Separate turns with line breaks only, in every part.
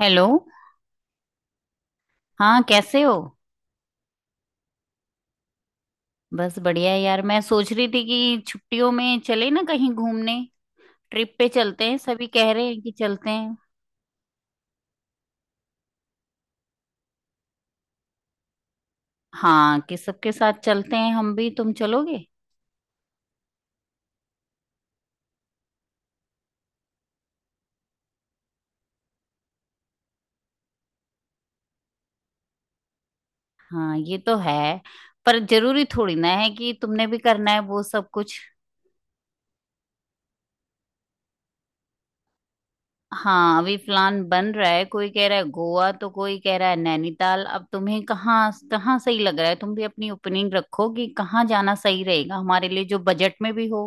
Hello. हाँ, कैसे हो? बस बढ़िया है यार। मैं सोच रही थी कि छुट्टियों में चले ना कहीं घूमने, ट्रिप पे चलते हैं। सभी कह रहे हैं कि चलते हैं। हाँ, कि सबके साथ चलते हैं हम भी, तुम चलोगे? हाँ ये तो है, पर जरूरी थोड़ी ना है कि तुमने भी करना है वो सब कुछ। हाँ अभी प्लान बन रहा है, कोई कह रहा है गोवा तो कोई कह रहा है नैनीताल। अब तुम्हें कहाँ कहाँ सही लग रहा है, तुम भी अपनी ओपिनियन रखो कि कहाँ जाना सही रहेगा हमारे लिए, जो बजट में भी हो।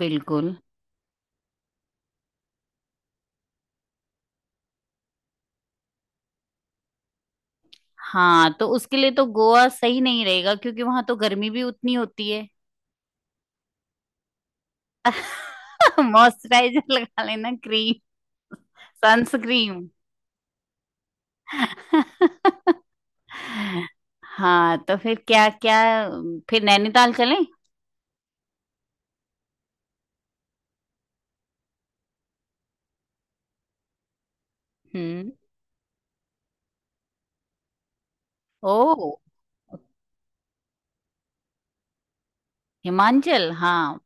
बिल्कुल। हाँ तो उसके लिए तो गोवा सही नहीं रहेगा, क्योंकि वहां तो गर्मी भी उतनी होती है। मॉइस्चराइजर लगा लेना, क्रीम, सनस्क्रीन। हाँ तो फिर क्या क्या फिर नैनीताल चलें? हम्म। ओ। हिमाचल, हाँ।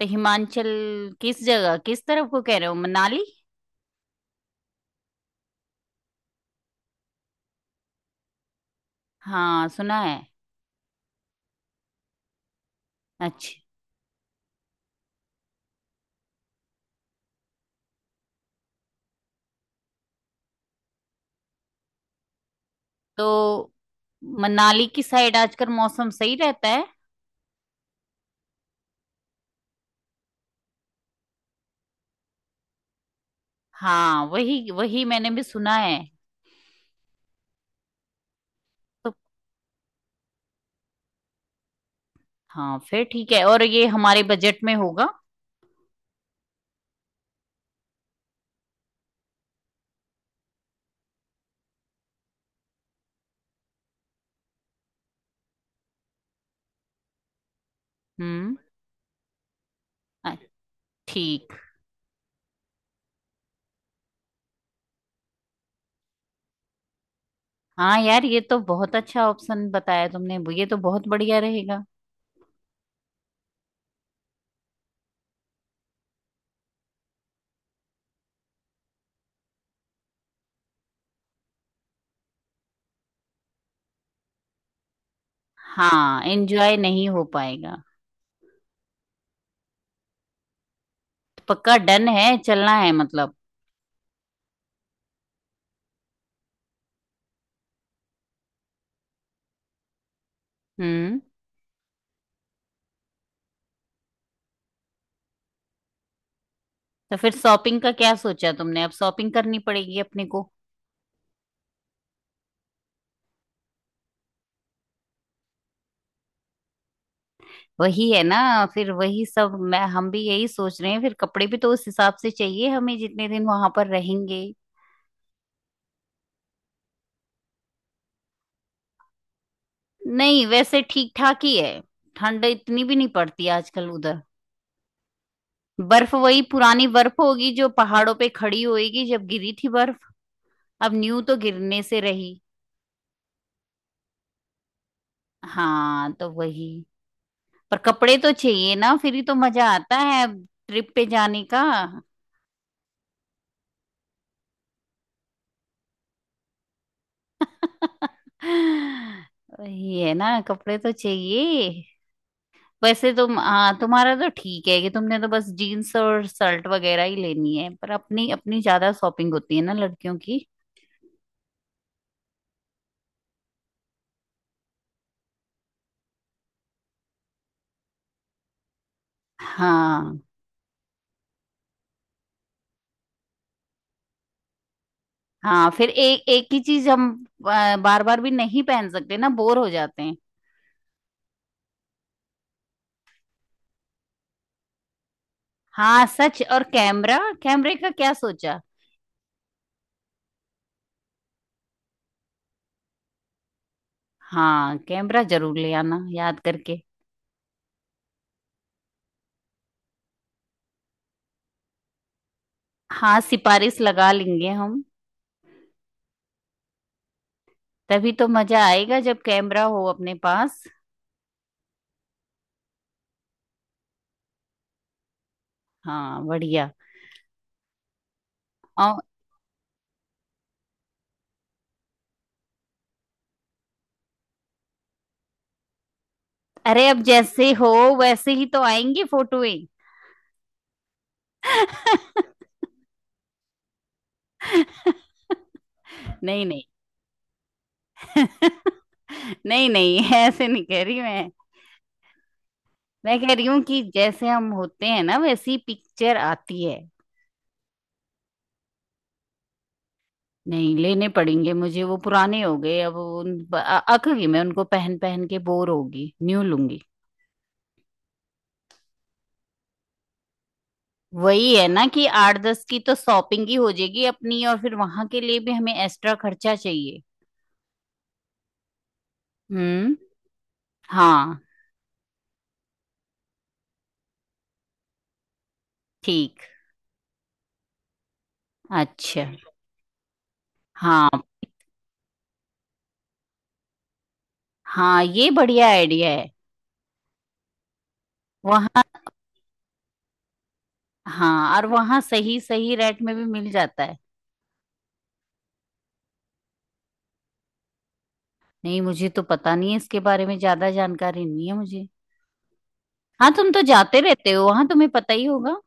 तो हिमाचल किस जगह, किस तरफ को कह रहे हो, मनाली? हाँ सुना है। अच्छा। तो मनाली की साइड आजकल मौसम सही रहता है? हाँ वही वही मैंने भी सुना है। तो हाँ फिर ठीक है, और ये हमारे बजट में होगा? हम्म। अ- ठीक। हाँ यार ये तो बहुत अच्छा ऑप्शन बताया तुमने, ये तो बहुत बढ़िया रहेगा। हाँ एंजॉय नहीं हो पाएगा। पक्का डन है, चलना है मतलब। हम्म। तो फिर शॉपिंग का क्या सोचा तुमने, अब शॉपिंग करनी पड़ेगी अपने को। वही है ना, फिर वही सब। मैं हम भी यही सोच रहे हैं, फिर कपड़े भी तो उस हिसाब से चाहिए हमें, जितने दिन वहां पर रहेंगे। नहीं वैसे ठीक ठाक ही है, ठंड इतनी भी नहीं पड़ती आजकल उधर। बर्फ वही पुरानी बर्फ होगी जो पहाड़ों पे खड़ी होएगी, जब गिरी थी बर्फ। अब न्यू तो गिरने से रही। हाँ तो वही। पर कपड़े तो चाहिए ना, फिर ही तो मजा आता है ट्रिप पे जाने का। वही है ना, कपड़े तो चाहिए। वैसे तुम, हाँ, तुम्हारा तो ठीक है कि तुमने तो बस जीन्स और शर्ट वगैरह ही लेनी है, पर अपनी अपनी ज्यादा शॉपिंग होती है ना लड़कियों की। हाँ। हाँ फिर एक एक ही चीज हम बार बार भी नहीं पहन सकते ना, बोर हो जाते हैं। हाँ सच। और कैमरा, कैमरे का क्या सोचा? हाँ कैमरा जरूर ले आना याद करके। हाँ सिफारिश लगा लेंगे हम। तभी तो मजा आएगा जब कैमरा हो अपने पास। हाँ बढ़िया। और अरे अब जैसे हो वैसे ही तो आएंगी फोटोएं। नहीं नहीं। नहीं नहीं ऐसे नहीं कह रही मैं। मैं कह रही हूँ कि जैसे हम होते हैं ना वैसी पिक्चर आती है। नहीं लेने पड़ेंगे मुझे, वो पुराने हो गए अब। अक गई मैं उनको पहन पहन के, बोर होगी, न्यू लूंगी। वही है ना कि आठ दस की तो शॉपिंग ही हो जाएगी अपनी, और फिर वहां के लिए भी हमें एक्स्ट्रा खर्चा चाहिए। हम्म। हाँ। ठीक। अच्छा। हाँ। हाँ ये बढ़िया आइडिया है। वहाँ, हाँ, और वहाँ सही सही रेट में भी मिल जाता है। नहीं मुझे तो पता नहीं है, इसके बारे में ज्यादा जानकारी नहीं है मुझे। हाँ तुम तो जाते रहते हो वहां, तुम्हें पता ही होगा।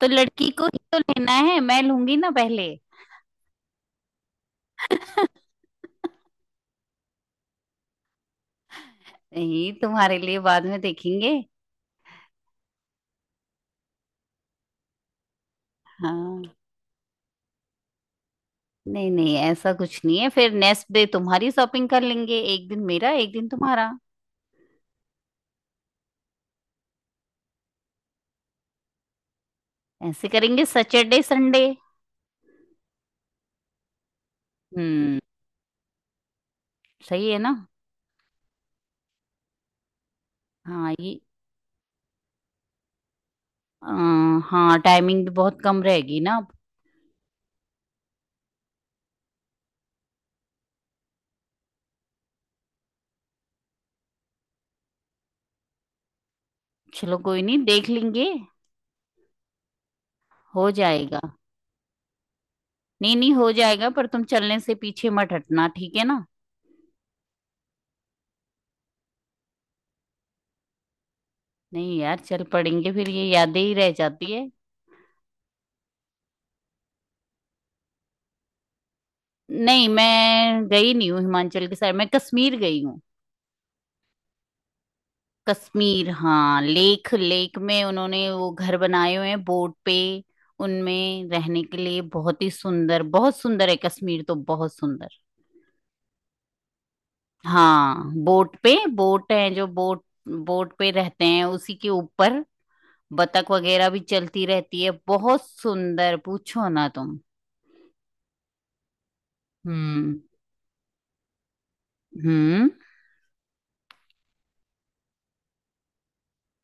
तो लड़की को ही तो लेना है, मैं लूंगी ना पहले। नहीं तुम्हारे लिए बाद में देखेंगे। हाँ। नहीं नहीं ऐसा कुछ नहीं है, फिर नेक्स्ट डे तुम्हारी शॉपिंग कर लेंगे, एक दिन मेरा एक दिन तुम्हारा। ऐसे करेंगे सैटरडे संडे। हम्म। सही है ना। हाँ ये आ, हाँ टाइमिंग भी बहुत कम रहेगी ना। चलो कोई नहीं, देख लेंगे, हो जाएगा। नहीं नहीं हो जाएगा, पर तुम चलने से पीछे मत हटना ठीक है ना। नहीं यार चल पड़ेंगे, फिर ये यादें ही रह जाती है। नहीं मैं गई नहीं हूँ हिमाचल के साइड, मैं कश्मीर गई हूँ। कश्मीर, हाँ। लेक लेक में उन्होंने वो घर बनाए हुए हैं बोट पे। उनमें रहने के लिए, बहुत ही सुंदर, बहुत सुंदर है कश्मीर तो, बहुत सुंदर। हाँ बोट पे, बोट है, जो बोट, बोट पे रहते हैं उसी के ऊपर। बतख वगैरह भी चलती रहती है, बहुत सुंदर, पूछो ना तुम। हम्म। हम्म।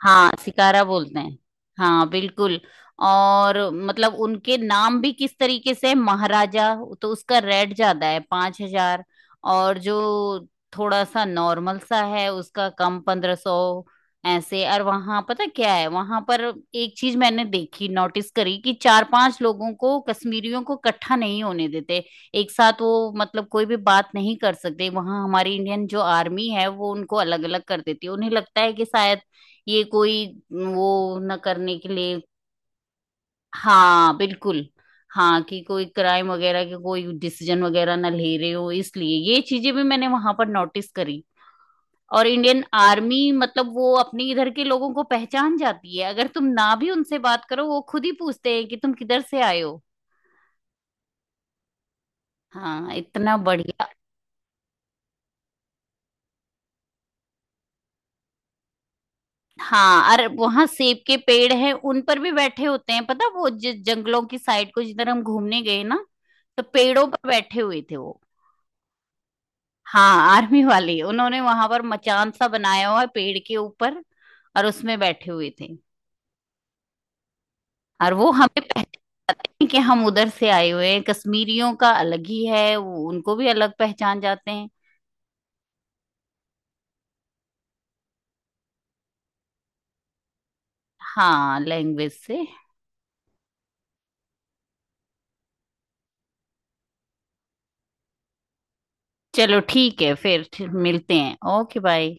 हाँ सिकारा बोलते हैं। हाँ बिल्कुल। और मतलब उनके नाम भी किस तरीके से हैं, महाराजा। तो उसका रेट ज्यादा है, 5,000। और जो थोड़ा सा नॉर्मल सा है उसका कम, 1,500। ऐसे। और वहां पता क्या है, वहां पर एक चीज मैंने देखी, नोटिस करी, कि चार पांच लोगों को, कश्मीरियों को, इकट्ठा नहीं होने देते एक साथ। वो मतलब कोई भी बात नहीं कर सकते वहां, हमारी इंडियन जो आर्मी है वो उनको अलग अलग कर देती है। उन्हें लगता है कि शायद ये कोई वो न करने के लिए। हाँ बिल्कुल। हाँ कि कोई क्राइम वगैरह के कोई डिसीजन वगैरह ना ले रहे हो, इसलिए ये चीजें भी मैंने वहां पर नोटिस करी। और इंडियन आर्मी मतलब वो अपने इधर के लोगों को पहचान जाती है, अगर तुम ना भी उनसे बात करो वो खुद ही पूछते हैं कि तुम किधर से आए हो। हाँ इतना बढ़िया। हाँ अरे वहां सेब के पेड़ हैं, उन पर भी बैठे होते हैं पता, वो जंगलों की साइड को, जिधर हम घूमने गए ना, तो पेड़ों पर बैठे हुए थे वो। हाँ आर्मी वाली उन्होंने वहां पर मचान सा बनाया हुआ है पेड़ के ऊपर, और उसमें बैठे हुए थे। और वो हमें पहचाने कि हम उधर से आए हुए हैं। कश्मीरियों का अलग ही है, वो उनको भी अलग पहचान जाते हैं। हाँ लैंग्वेज से। चलो ठीक है, फिर मिलते हैं, ओके बाय।